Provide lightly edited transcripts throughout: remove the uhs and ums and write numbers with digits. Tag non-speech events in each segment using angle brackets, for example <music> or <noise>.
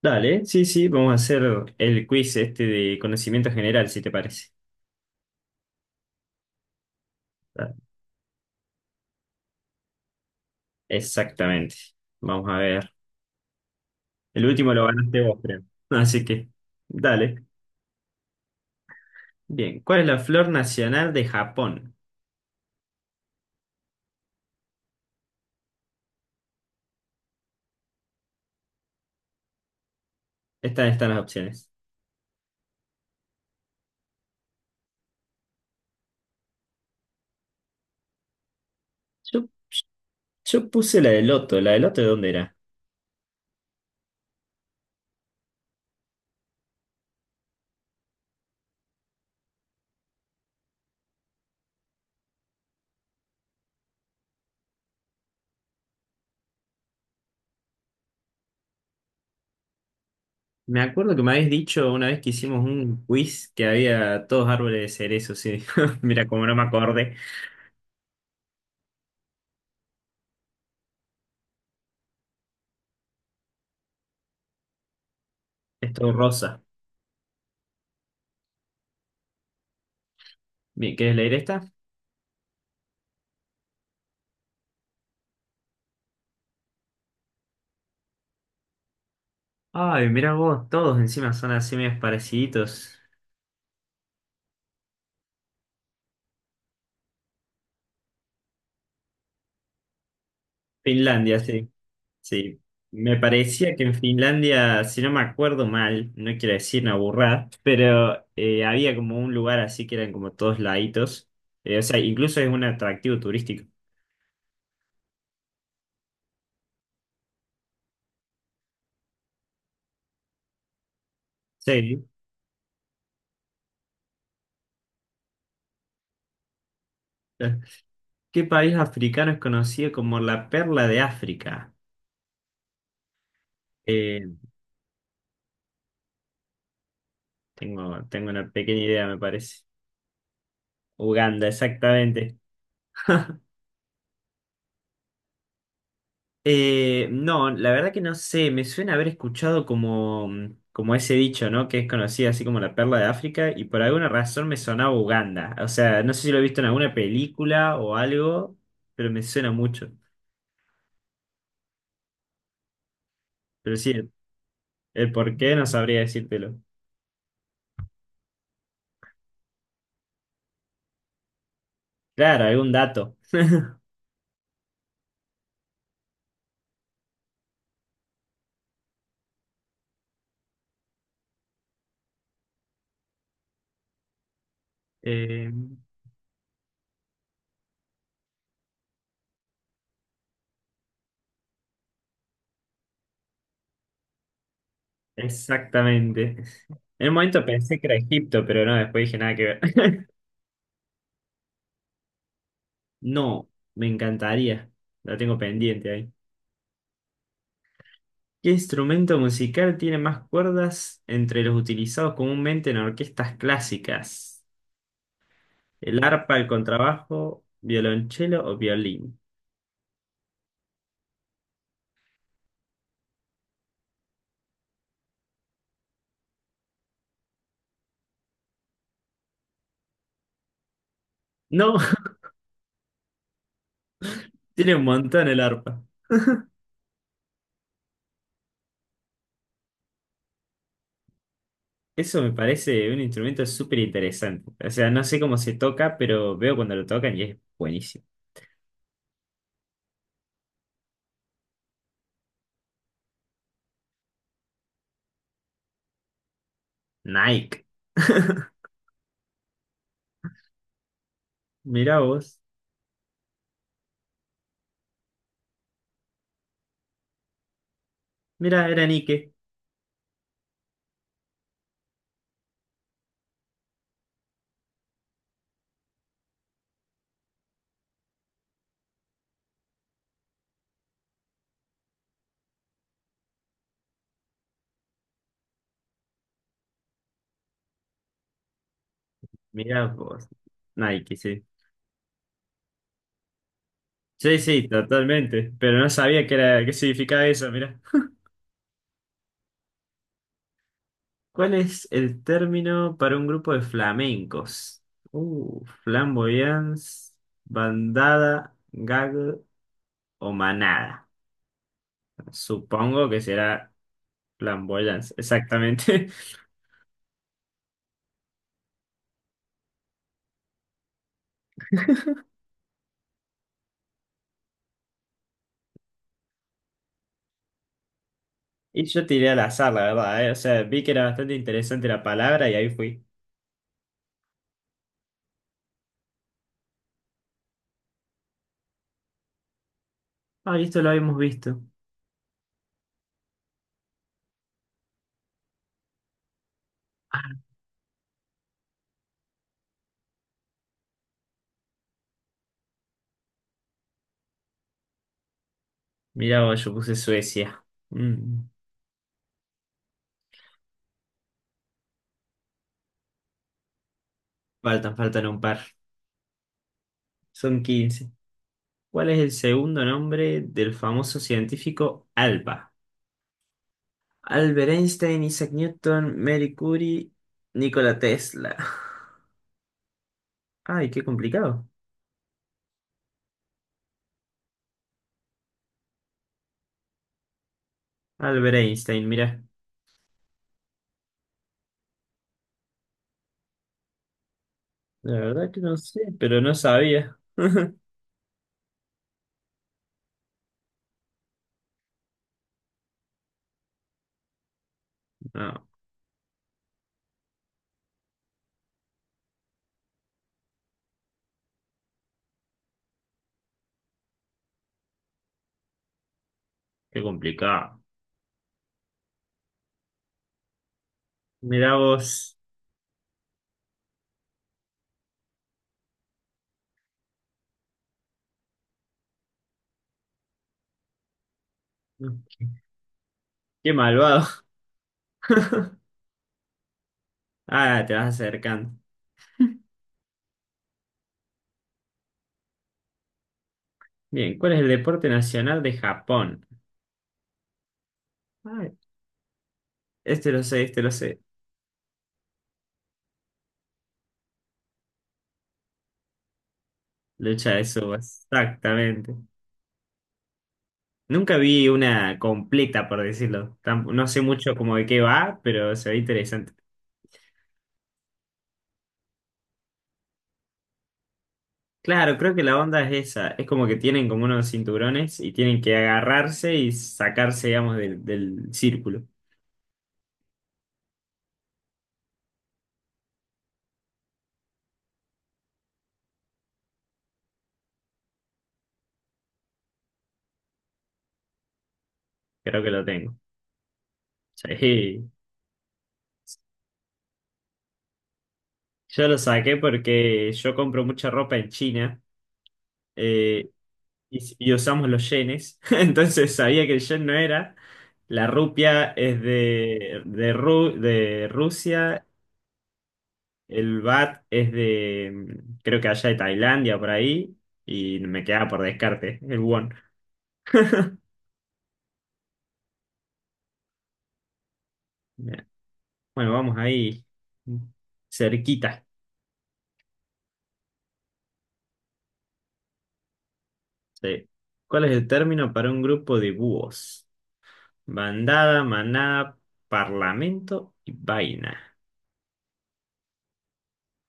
Dale, sí, sí, vamos a hacer el quiz este de conocimiento general, si te parece. Dale. Exactamente. Vamos a ver. El último lo ganaste vos, creo. Así que, dale. Bien, ¿cuál es la flor nacional de Japón? Estas están las opciones. Yo, yo puse la de loto. ¿La de loto de dónde era? Me acuerdo que me habéis dicho una vez que hicimos un quiz que había todos árboles de cerezo, sí. <laughs> Mira, como no me acordé. Es todo rosa. Bien, ¿quieres leer esta? Ay, mirá vos, todos encima son así medios pareciditos. Finlandia, sí, sí. Me parecía que en Finlandia, si no me acuerdo mal, no quiero decir una burrada, pero había como un lugar así que eran como todos laditos. O sea, incluso es un atractivo turístico. Sí. ¿Qué país africano es conocido como la perla de África? Eh, tengo una pequeña idea, me parece. Uganda, exactamente. No, la verdad que no sé, me suena haber escuchado como, como ese dicho, ¿no? Que es conocida así como la perla de África y por alguna razón me sonaba Uganda. O sea, no sé si lo he visto en alguna película o algo, pero me suena mucho. Pero sí, el por qué no sabría decírtelo. Claro, algún dato. Eh, exactamente. En un momento pensé que era Egipto, pero no, después dije nada que ver. <laughs> No, me encantaría. La tengo pendiente ahí. ¿Qué instrumento musical tiene más cuerdas entre los utilizados comúnmente en orquestas clásicas? ¿El arpa, el contrabajo, violonchelo o violín? No, <laughs> tiene un montón el arpa. Eso me parece un instrumento súper interesante. O sea, no sé cómo se toca, pero veo cuando lo tocan y es buenísimo. Nike. <laughs> Mirá vos. Mirá, era Nike. Mirá vos. Nike, sí. Sí, sí, totalmente. Pero no sabía qué era, qué significaba eso, mirá. ¿Cuál es el término para un grupo de flamencos? Flamboyance, bandada, gag o manada. Supongo que será flamboyance, exactamente. <laughs> Y yo tiré al azar, la verdad, eh. O sea, vi que era bastante interesante la palabra y ahí fui. Ah, esto lo habíamos visto. Mirá vos, yo puse Suecia. Mm. Faltan un par. Son 15. ¿Cuál es el segundo nombre del famoso científico Alba? Albert Einstein, Isaac Newton, Marie Curie, Nikola Tesla. Ay, qué complicado. Albert Einstein, mira. La verdad que no sé, pero no sabía. <laughs> No, qué complicado. Mirá vos. Qué malvado. <laughs> Ah, te vas acercando. Bien, ¿cuál es el deporte nacional de Japón? Ay, este lo sé, este lo sé. Lucha de subas. Exactamente. Nunca vi una completa, por decirlo. No sé mucho como de qué va, pero se ve interesante. Claro, creo que la onda es esa. Es como que tienen como unos cinturones y tienen que agarrarse y sacarse, digamos, del círculo. Creo que lo tengo. Sí. <laughs> Yo lo saqué porque yo compro mucha ropa en China eh, y usamos los yenes. <laughs> Entonces sabía que el yen no era. La rupia es de de Rusia. El baht es de, creo que allá de Tailandia, por ahí. Y me quedaba por descarte el won. Bueno, vamos ahí cerquita. Sí. ¿Cuál es el término para un grupo de búhos? Bandada, manada, parlamento y vaina.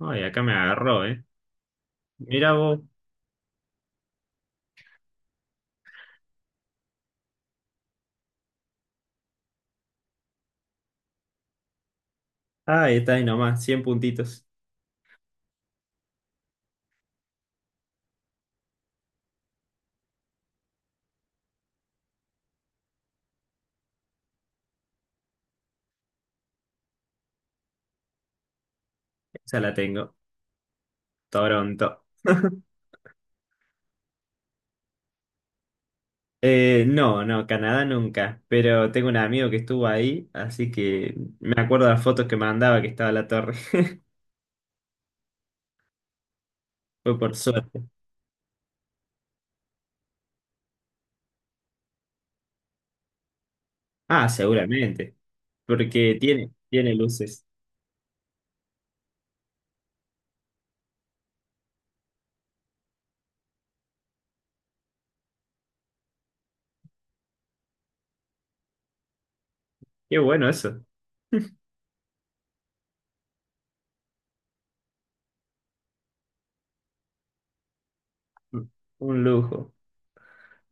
Ay, acá me agarró, ¿eh? Mira vos. Ah, está ahí nomás, 100 puntitos. Esa la tengo. Toronto. No, no, Canadá nunca. Pero tengo un amigo que estuvo ahí, así que me acuerdo de las fotos que mandaba que estaba la torre. <laughs> Fue por suerte. Ah, seguramente. Porque tiene luces. Qué bueno eso. Un lujo.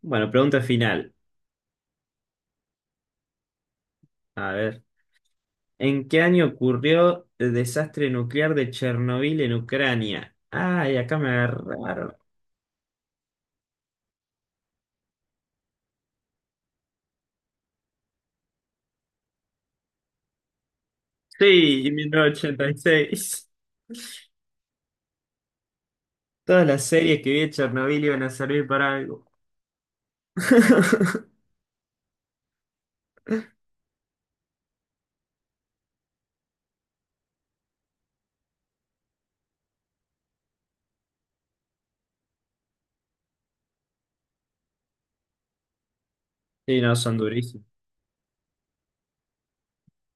Bueno, pregunta final. A ver. ¿En qué año ocurrió el desastre nuclear de Chernobyl en Ucrania? Ay, acá me agarraron. Sí, en 1986. Todas las series que vi de Chernobyl iban a servir para algo. <laughs> Sí, no, son durísimos.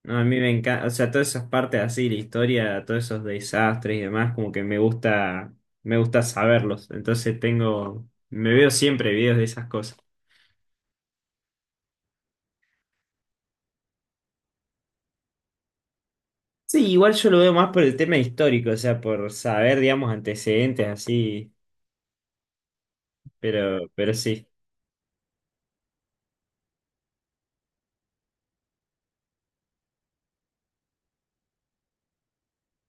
No, a mí me encanta, o sea, todas esas partes así, la historia, todos esos desastres y demás, como que me gusta saberlos. Entonces me veo siempre videos de esas cosas. Sí, igual yo lo veo más por el tema histórico, o sea, por saber, digamos, antecedentes así, pero sí.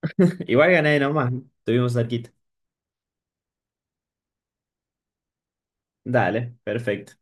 <laughs> Igual gané nomás, estuvimos cerquita. Dale, perfecto.